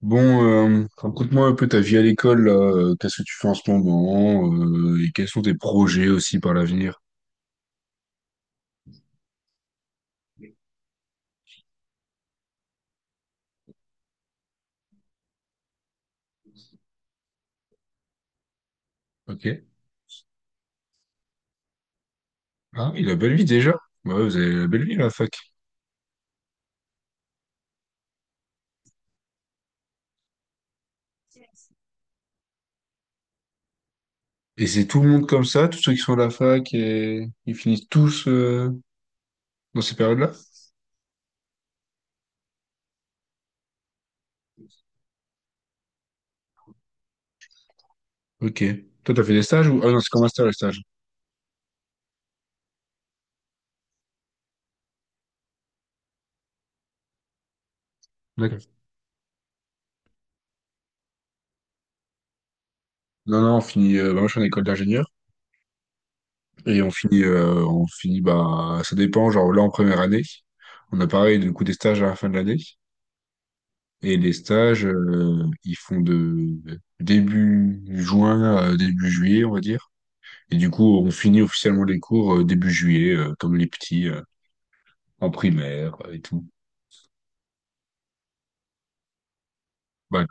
Bon, raconte-moi un peu ta vie à l'école, là. Qu'est-ce que tu fais en ce moment, et quels sont tes projets aussi par l'avenir? Ok. Ah oui, la belle vie déjà. Bah ouais, vous avez la belle vie, la fac. Et c'est tout le monde comme ça, tous ceux qui sont à la fac, et ils finissent tous dans ces périodes-là? Ok. Toi, t'as fait des stages ou... Ah non, c'est comme un stage, les stages. D'accord. Non, non, on finit... bah, moi, je suis en école d'ingénieur, et on finit, bah, ça dépend, genre là, en première année, on a pareil, du coup, des stages à la fin de l'année. Et les stages, ils font de début juin à début juillet, on va dire. Et du coup, on finit officiellement les cours début juillet, comme les petits, en primaire et tout. Bah,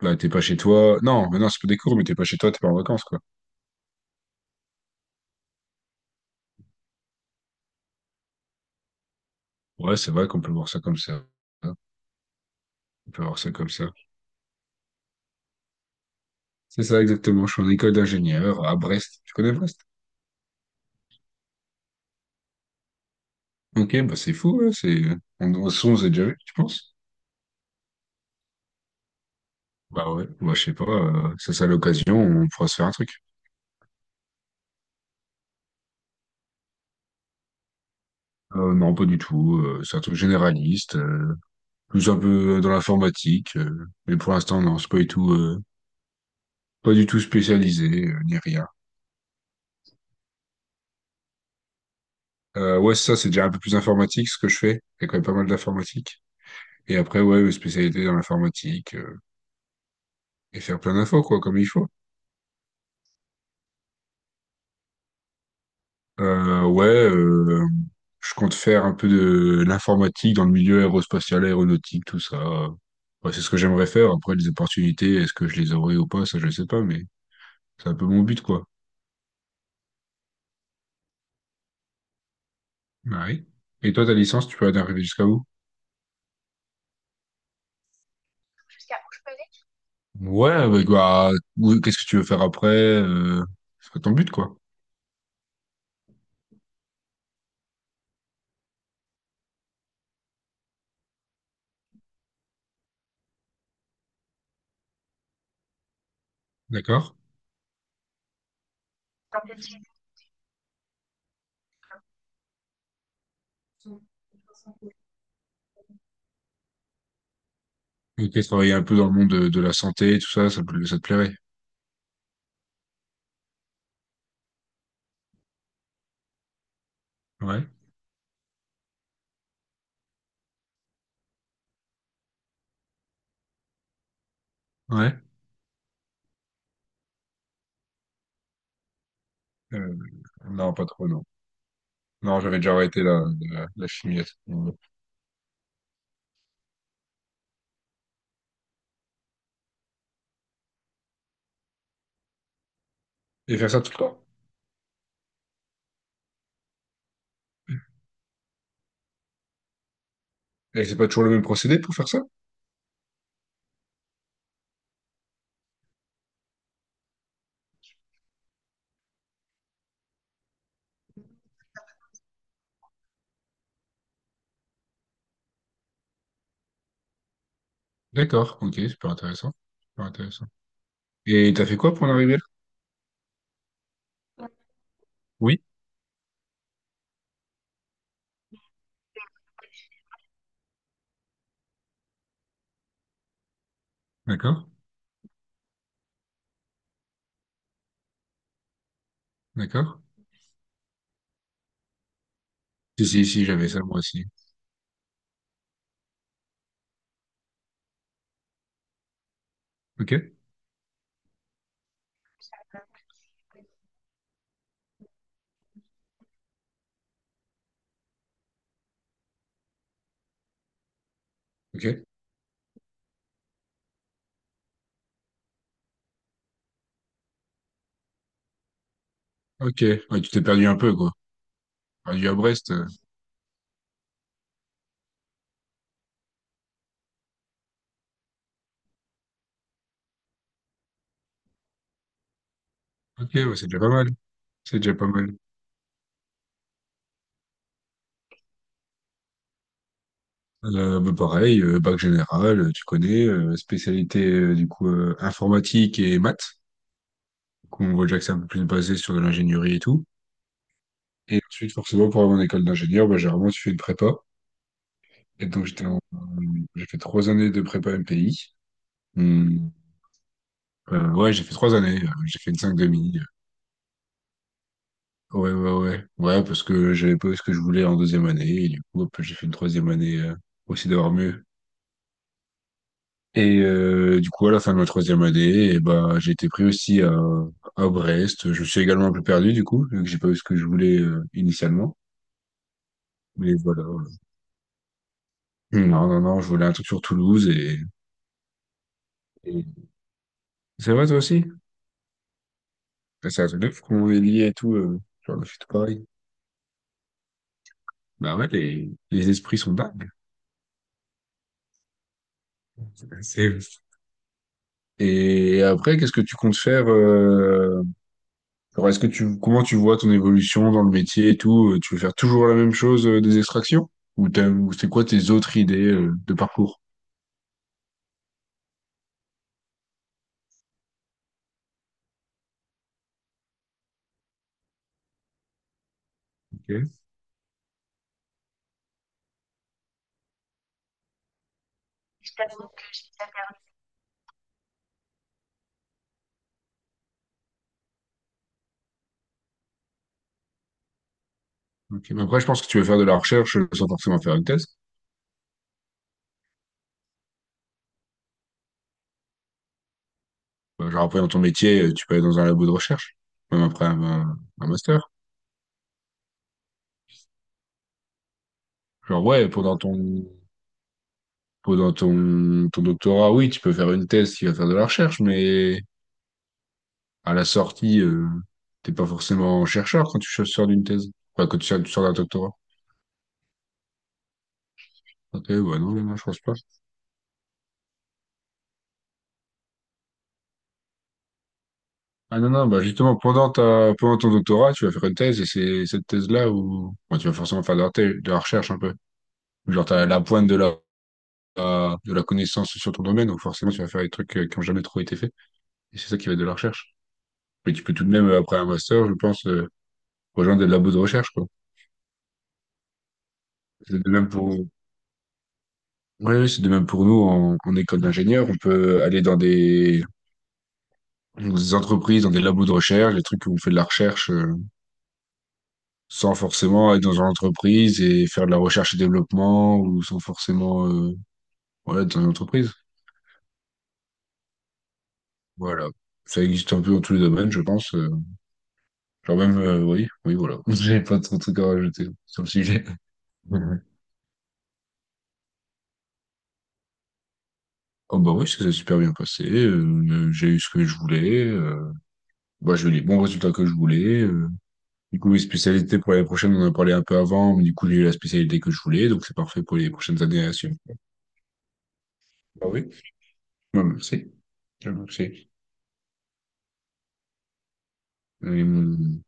bah t'es pas chez toi. Non, mais non, c'est pas des cours, mais t'es pas chez toi, t'es pas en vacances, quoi. Ouais, c'est vrai qu'on peut voir ça comme ça. Hein. On peut voir ça comme ça. C'est ça, exactement. Je suis en école d'ingénieur à Brest. Tu connais Brest? Ok, bah c'est fou, ouais, c'est... On s'est déjà vu, tu penses? Bah ouais, bah je sais pas, ça c'est à l'occasion, on pourra se faire un truc. Non, pas du tout, c'est un truc généraliste, plus un peu dans l'informatique, mais pour l'instant, non, c'est pas du tout, pas du tout spécialisé, ni rien. Ouais, ça, c'est déjà un peu plus informatique, ce que je fais. Il y a quand même pas mal d'informatique et après, ouais, spécialité dans l'informatique, et faire plein d'infos, quoi, comme il faut. Ouais, je compte faire un peu de l'informatique dans le milieu aérospatial, aéronautique, tout ça. Ouais, c'est ce que j'aimerais faire. Après, les opportunités, est-ce que je les aurai ou pas? Ça, je sais pas, mais c'est un peu mon but, quoi. Bah oui. Et toi, ta licence, tu peux arriver jusqu'à où? Ouais, bah, oui, qu'est-ce que tu veux faire après? C'est pas ton but, quoi. D'accord. Ok, travailler un peu dans le monde de la santé, tout ça, ça te plairait. Ouais. Ouais. Euh, non, pas trop, non. Non, j'avais déjà arrêté la, la, la chimie à ce moment-là. Et faire ça tout le temps. Et c'est pas toujours le même procédé pour faire ça? D'accord, ok, super intéressant. Super intéressant. Et t'as fait quoi pour en arriver là? Oui, d'accord, d'accord. Si, si, si, j'avais ça moi aussi. Ok, ok, ok. Ouais, tu t'es perdu un peu, quoi. Perdu à Brest. Ok, ouais, c'est déjà pas mal. C'est déjà pas mal. Bah, pareil, bac général, tu connais, spécialité du coup informatique et maths. Donc, on voit déjà que c'est un peu plus basé sur de l'ingénierie et tout. Et ensuite, forcément, pour avoir une école d'ingénieur, bah, j'ai vraiment suivi une prépa. Et donc, j'ai fait trois années de prépa MPI. Ouais, j'ai fait trois années. J'ai fait une 5 demi. Ouais, parce que j'avais pas eu ce que je voulais en deuxième année. Et du coup, hop, j'ai fait une troisième année aussi d'avoir mieux. Et du coup, à la fin de ma troisième année, et bah, j'ai été pris aussi à Brest. Je me suis également un peu perdu, du coup, vu que j'ai pas eu ce que je voulais initialement. Mais voilà. Voilà. Non, non, non, je voulais un truc sur Toulouse. Et- C'est vrai, toi aussi? Ouais, c'est un truc de fou comment on est lié et tout. Genre, je suis tout pareil. Bah ouais, les esprits sont dingues. C'est... Et après, qu'est-ce que tu comptes faire alors est-ce que tu comment tu vois ton évolution dans le métier et tout? Tu veux faire toujours la même chose des extractions? Ou c'est quoi tes autres idées de parcours? Ok. Ok. Mais après, je pense que tu veux faire de la recherche sans forcément faire une thèse. Genre après dans ton métier, tu peux aller dans un labo de recherche, même après un master. Genre ouais, pendant ton doctorat, oui, tu peux faire une thèse qui va faire de la recherche, mais à la sortie, t'es pas forcément chercheur quand tu sors d'une thèse. Enfin, quand tu sors d'un doctorat. Ok, bah non, non, je pense pas. Ah non, non, bah justement, pendant ton doctorat, tu vas faire une thèse et c'est cette thèse-là où bon, tu vas forcément faire de la, de la recherche un peu. Genre, t'as la pointe de la, de la connaissance sur ton domaine, donc forcément, tu vas faire des trucs qui ont jamais trop été faits. Et c'est ça qui va être de la recherche. Mais tu peux tout de même, après un master, je pense, rejoindre des labos de recherche, quoi. C'est de même pour, ouais, oui, c'est de même pour nous en, en école d'ingénieur. On peut aller dans des... Donc, des entreprises, dans des labos de recherche, des trucs où on fait de la recherche sans forcément être dans une entreprise et faire de la recherche et développement ou sans forcément voilà, être dans une entreprise. Voilà. Ça existe un peu dans tous les domaines, je pense. Genre même, oui, oui, voilà. J'ai pas trop de trucs à rajouter sur le sujet. Mhm. Oh bah oui, ça s'est super bien passé. J'ai eu ce que je voulais. Bah, j'ai eu les bons résultats que je voulais. Du coup, les spécialités pour l'année prochaine, on en a parlé un peu avant, mais du coup, j'ai eu la spécialité que je voulais, donc c'est parfait pour les prochaines années à suivre. Bah oui. Je merci. Je merci. Hum,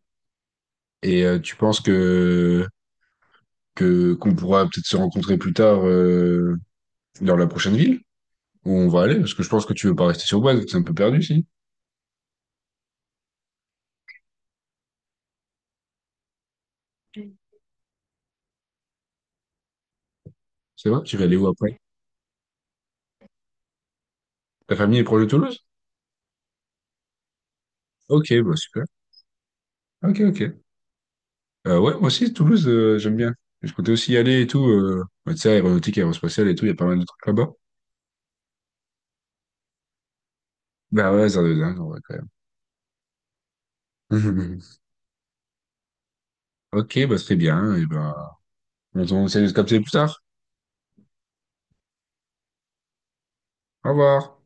Et tu penses que qu'on pourra peut-être se rencontrer plus tard dans la prochaine ville où on va aller? Parce que je pense que tu veux pas rester sur Boise, c'est un peu perdu, si. C'est vrai? Tu vas aller où après? Ta famille est proche de Toulouse? Ok, bah super. Ok, ok. Ouais, moi aussi, Toulouse, j'aime bien. Je comptais aussi y aller et tout. Bah, tu sais, aéronautique, aérospatiale et tout, il y a pas mal de trucs là-bas. Bah ouais, ça deux ans, quand même. Ok, bah très bien. Et ben, on essaie de se capter plus tard. Au revoir.